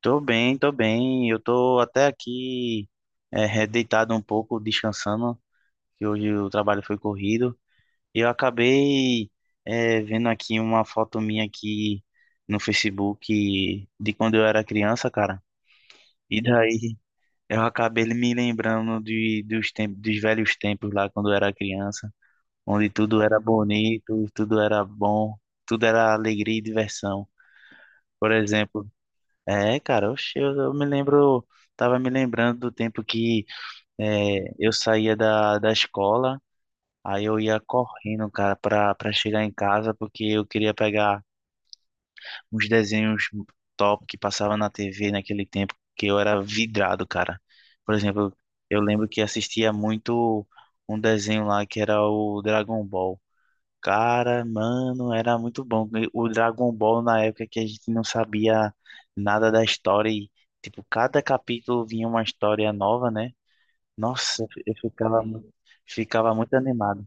Tô bem, tô bem. Eu tô até aqui deitado um pouco, descansando, que hoje o trabalho foi corrido. E eu acabei vendo aqui uma foto minha aqui no Facebook de quando eu era criança, cara. E daí eu acabei me lembrando dos tempos, dos velhos tempos lá quando eu era criança, onde tudo era bonito, tudo era bom, tudo era alegria e diversão. Por exemplo, é, cara, oxe, eu me lembro, tava me lembrando do tempo que eu saía da escola, aí eu ia correndo, cara, pra chegar em casa, porque eu queria pegar uns desenhos top que passava na TV naquele tempo, que eu era vidrado, cara. Por exemplo, eu lembro que assistia muito um desenho lá que era o Dragon Ball. Cara, mano, era muito bom. E o Dragon Ball na época que a gente não sabia nada da história e, tipo, cada capítulo vinha uma história nova, né? Nossa, eu ficava, ficava muito animado.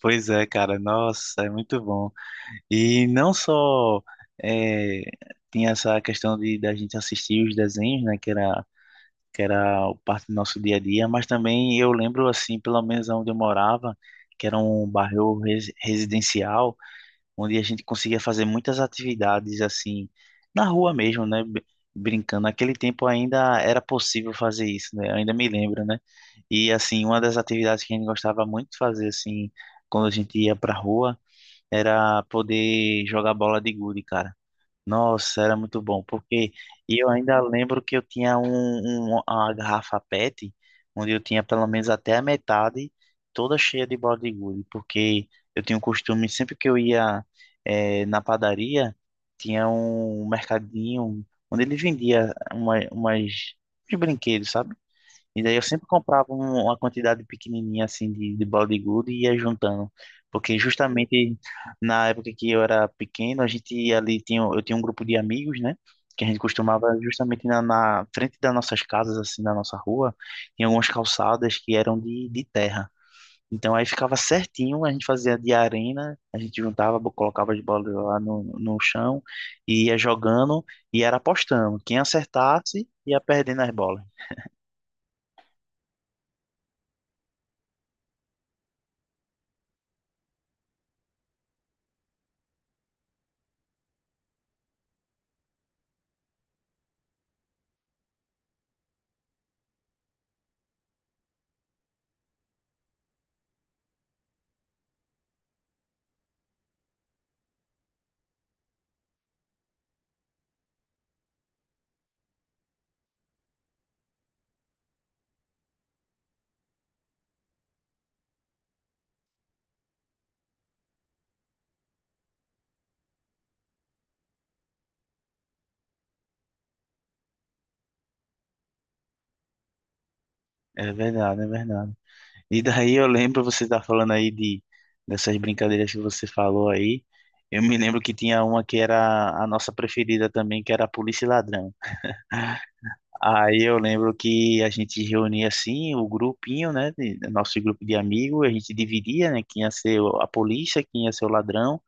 Pois é, cara, nossa, é muito bom. E não só é, tinha essa questão de da gente assistir os desenhos, né? Que era parte do nosso dia a dia, mas também eu lembro, assim, pelo menos onde eu morava, que era um bairro residencial, onde a gente conseguia fazer muitas atividades assim na rua mesmo, né? Brincando. Naquele tempo ainda era possível fazer isso, né? Eu ainda me lembro, né? E assim, uma das atividades que a gente gostava muito de fazer assim, quando a gente ia pra rua, era poder jogar bola de gude, cara. Nossa, era muito bom, porque e eu ainda lembro que eu tinha uma garrafa PET, onde eu tinha pelo menos até a metade, toda cheia de bala de gude, porque eu tinha um costume, sempre que eu ia na padaria, tinha um mercadinho onde ele vendia uns brinquedos, sabe? E daí eu sempre comprava uma quantidade pequenininha assim de balde de gude e ia juntando. Porque justamente na época que eu era pequeno, a gente ali tinha, eu tinha um grupo de amigos, né? Que a gente costumava justamente na frente das nossas casas, assim, na nossa rua, tinha algumas calçadas que eram de terra. Então aí ficava certinho, a gente fazia de arena, a gente juntava, colocava as bolas lá no chão e ia jogando e era apostando. Quem acertasse ia perdendo as bolas. É verdade, é verdade. E daí eu lembro, você tá falando aí de dessas brincadeiras que você falou aí. Eu me lembro que tinha uma que era a nossa preferida também, que era a polícia e ladrão. Aí eu lembro que a gente reunia assim o grupinho, né, nosso grupo de amigos, a gente dividia, né, quem ia ser a polícia, quem ia ser o ladrão.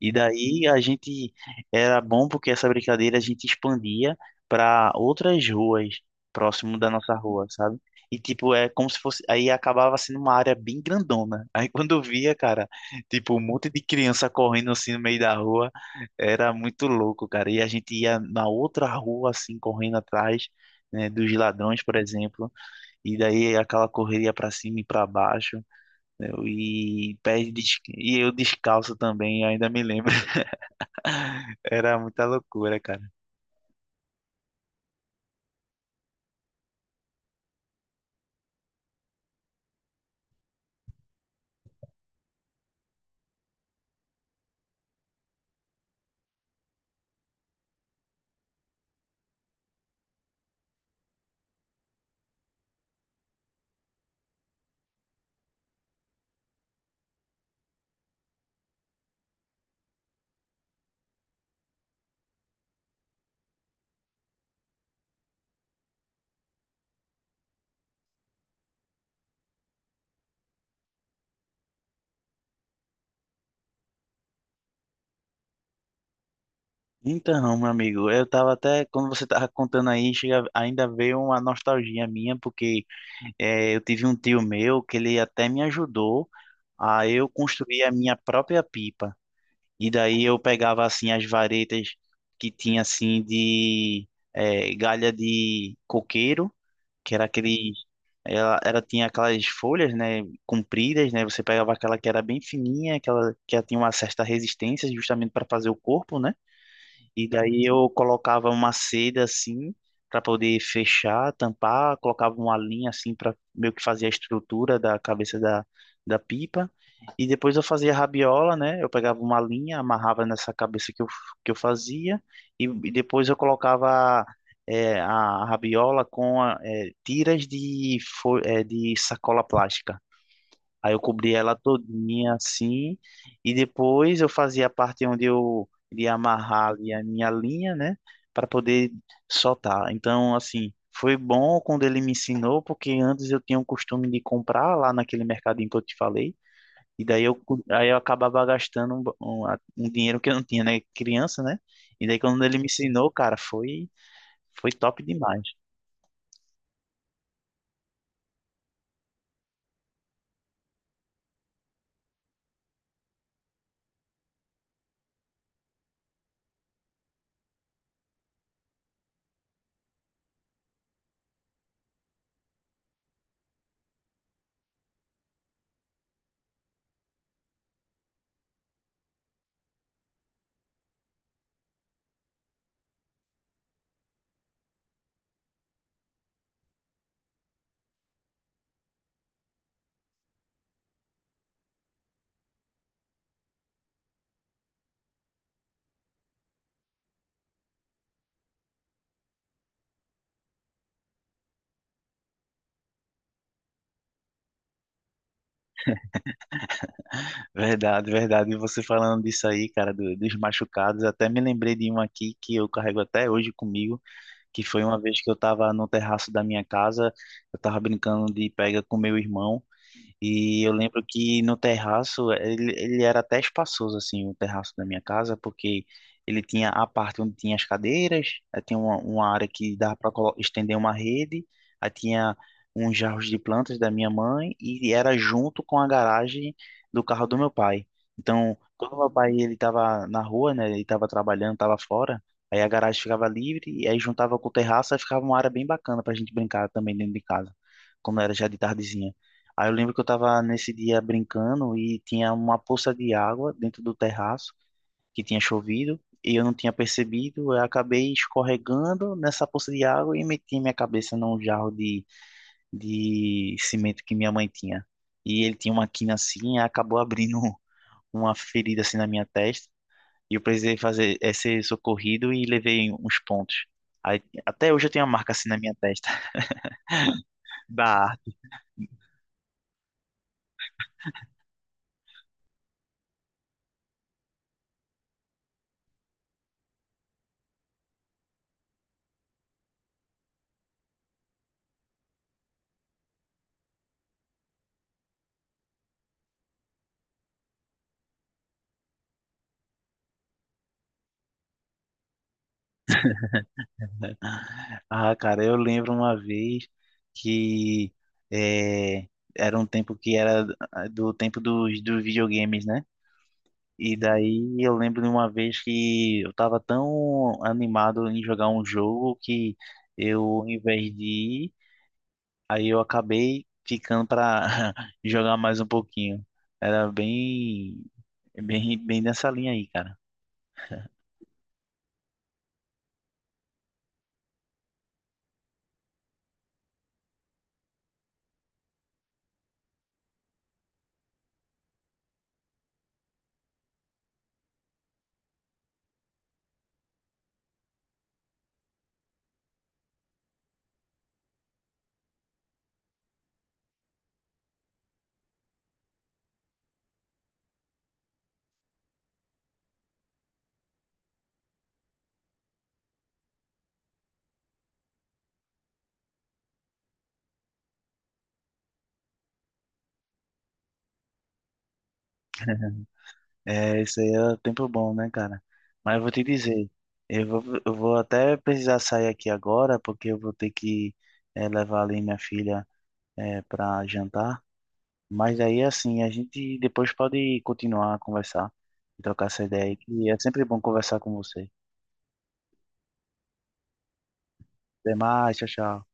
E daí a gente era bom porque essa brincadeira a gente expandia para outras ruas próximo da nossa rua, sabe? E tipo, é como se fosse, aí acabava sendo uma área bem grandona. Aí quando eu via, cara, tipo, um monte de criança correndo assim no meio da rua, era muito louco, cara. E a gente ia na outra rua assim correndo atrás, né, dos ladrões, por exemplo. E daí aquela correria para cima e para baixo. E pés e eu descalço também, ainda me lembro. Era muita loucura, cara. Então, meu amigo, eu tava até, quando você tava contando aí, chega, ainda veio uma nostalgia minha, porque eu tive um tio meu que ele até me ajudou a eu construir a minha própria pipa. E daí eu pegava, assim, as varetas que tinha, assim, de galha de coqueiro, que era aquele ela tinha aquelas folhas, né, compridas, né, você pegava aquela que era bem fininha, aquela que ela tinha uma certa resistência justamente para fazer o corpo, né? E daí eu colocava uma seda assim para poder fechar, tampar, colocava uma linha assim para meio que fazer a estrutura da cabeça da pipa. E depois eu fazia a rabiola, né? Eu pegava uma linha, amarrava nessa cabeça que eu fazia e depois eu colocava a rabiola tiras de sacola plástica. Aí eu cobria ela todinha assim, e depois eu fazia a parte onde eu iria amarrar ali a minha linha, né, para poder soltar. Então, assim, foi bom quando ele me ensinou, porque antes eu tinha o costume de comprar lá naquele mercadinho que eu te falei, e daí aí eu acabava gastando um dinheiro que eu não tinha, né, criança, né? E daí quando ele me ensinou, cara, foi foi top demais. Verdade, verdade. E você falando disso aí, cara, dos machucados, até me lembrei de um aqui que eu carrego até hoje comigo, que foi uma vez que eu tava no terraço da minha casa, eu tava brincando de pega com meu irmão. E eu lembro que no terraço, ele era até espaçoso, assim, o terraço da minha casa, porque ele tinha a parte onde tinha as cadeiras, aí tinha uma área que dava para estender uma rede, aí tinha uns jarros de plantas da minha mãe, e era junto com a garagem do carro do meu pai. Então, quando meu pai ele estava na rua, né, ele estava trabalhando, estava fora, aí a garagem ficava livre, e aí juntava com o terraço, aí ficava uma área bem bacana para a gente brincar também dentro de casa, quando era já de tardezinha. Aí eu lembro que eu tava nesse dia brincando e tinha uma poça de água dentro do terraço que tinha chovido e eu não tinha percebido. Eu acabei escorregando nessa poça de água e meti minha cabeça num jarro de cimento que minha mãe tinha. E ele tinha uma quina assim e acabou abrindo uma ferida assim na minha testa. E eu precisei fazer ser socorrido e levei uns pontos. Aí, até hoje eu tenho uma marca assim na minha testa da Ah, cara, eu lembro uma vez que eh, era um tempo que era ah, do tempo dos videogames, né? E daí eu lembro de uma vez que eu tava tão animado em jogar um jogo que eu, ao invés de ir, aí eu acabei ficando pra jogar mais um pouquinho. Era bem nessa linha aí, cara. É, isso aí é tempo bom, né, cara? Mas eu vou te dizer, eu vou até precisar sair aqui agora, porque eu vou ter que levar ali minha filha pra jantar. Mas aí, assim, a gente depois pode continuar a conversar e trocar essa ideia aí, que é sempre bom conversar com você. Até mais, tchau, tchau.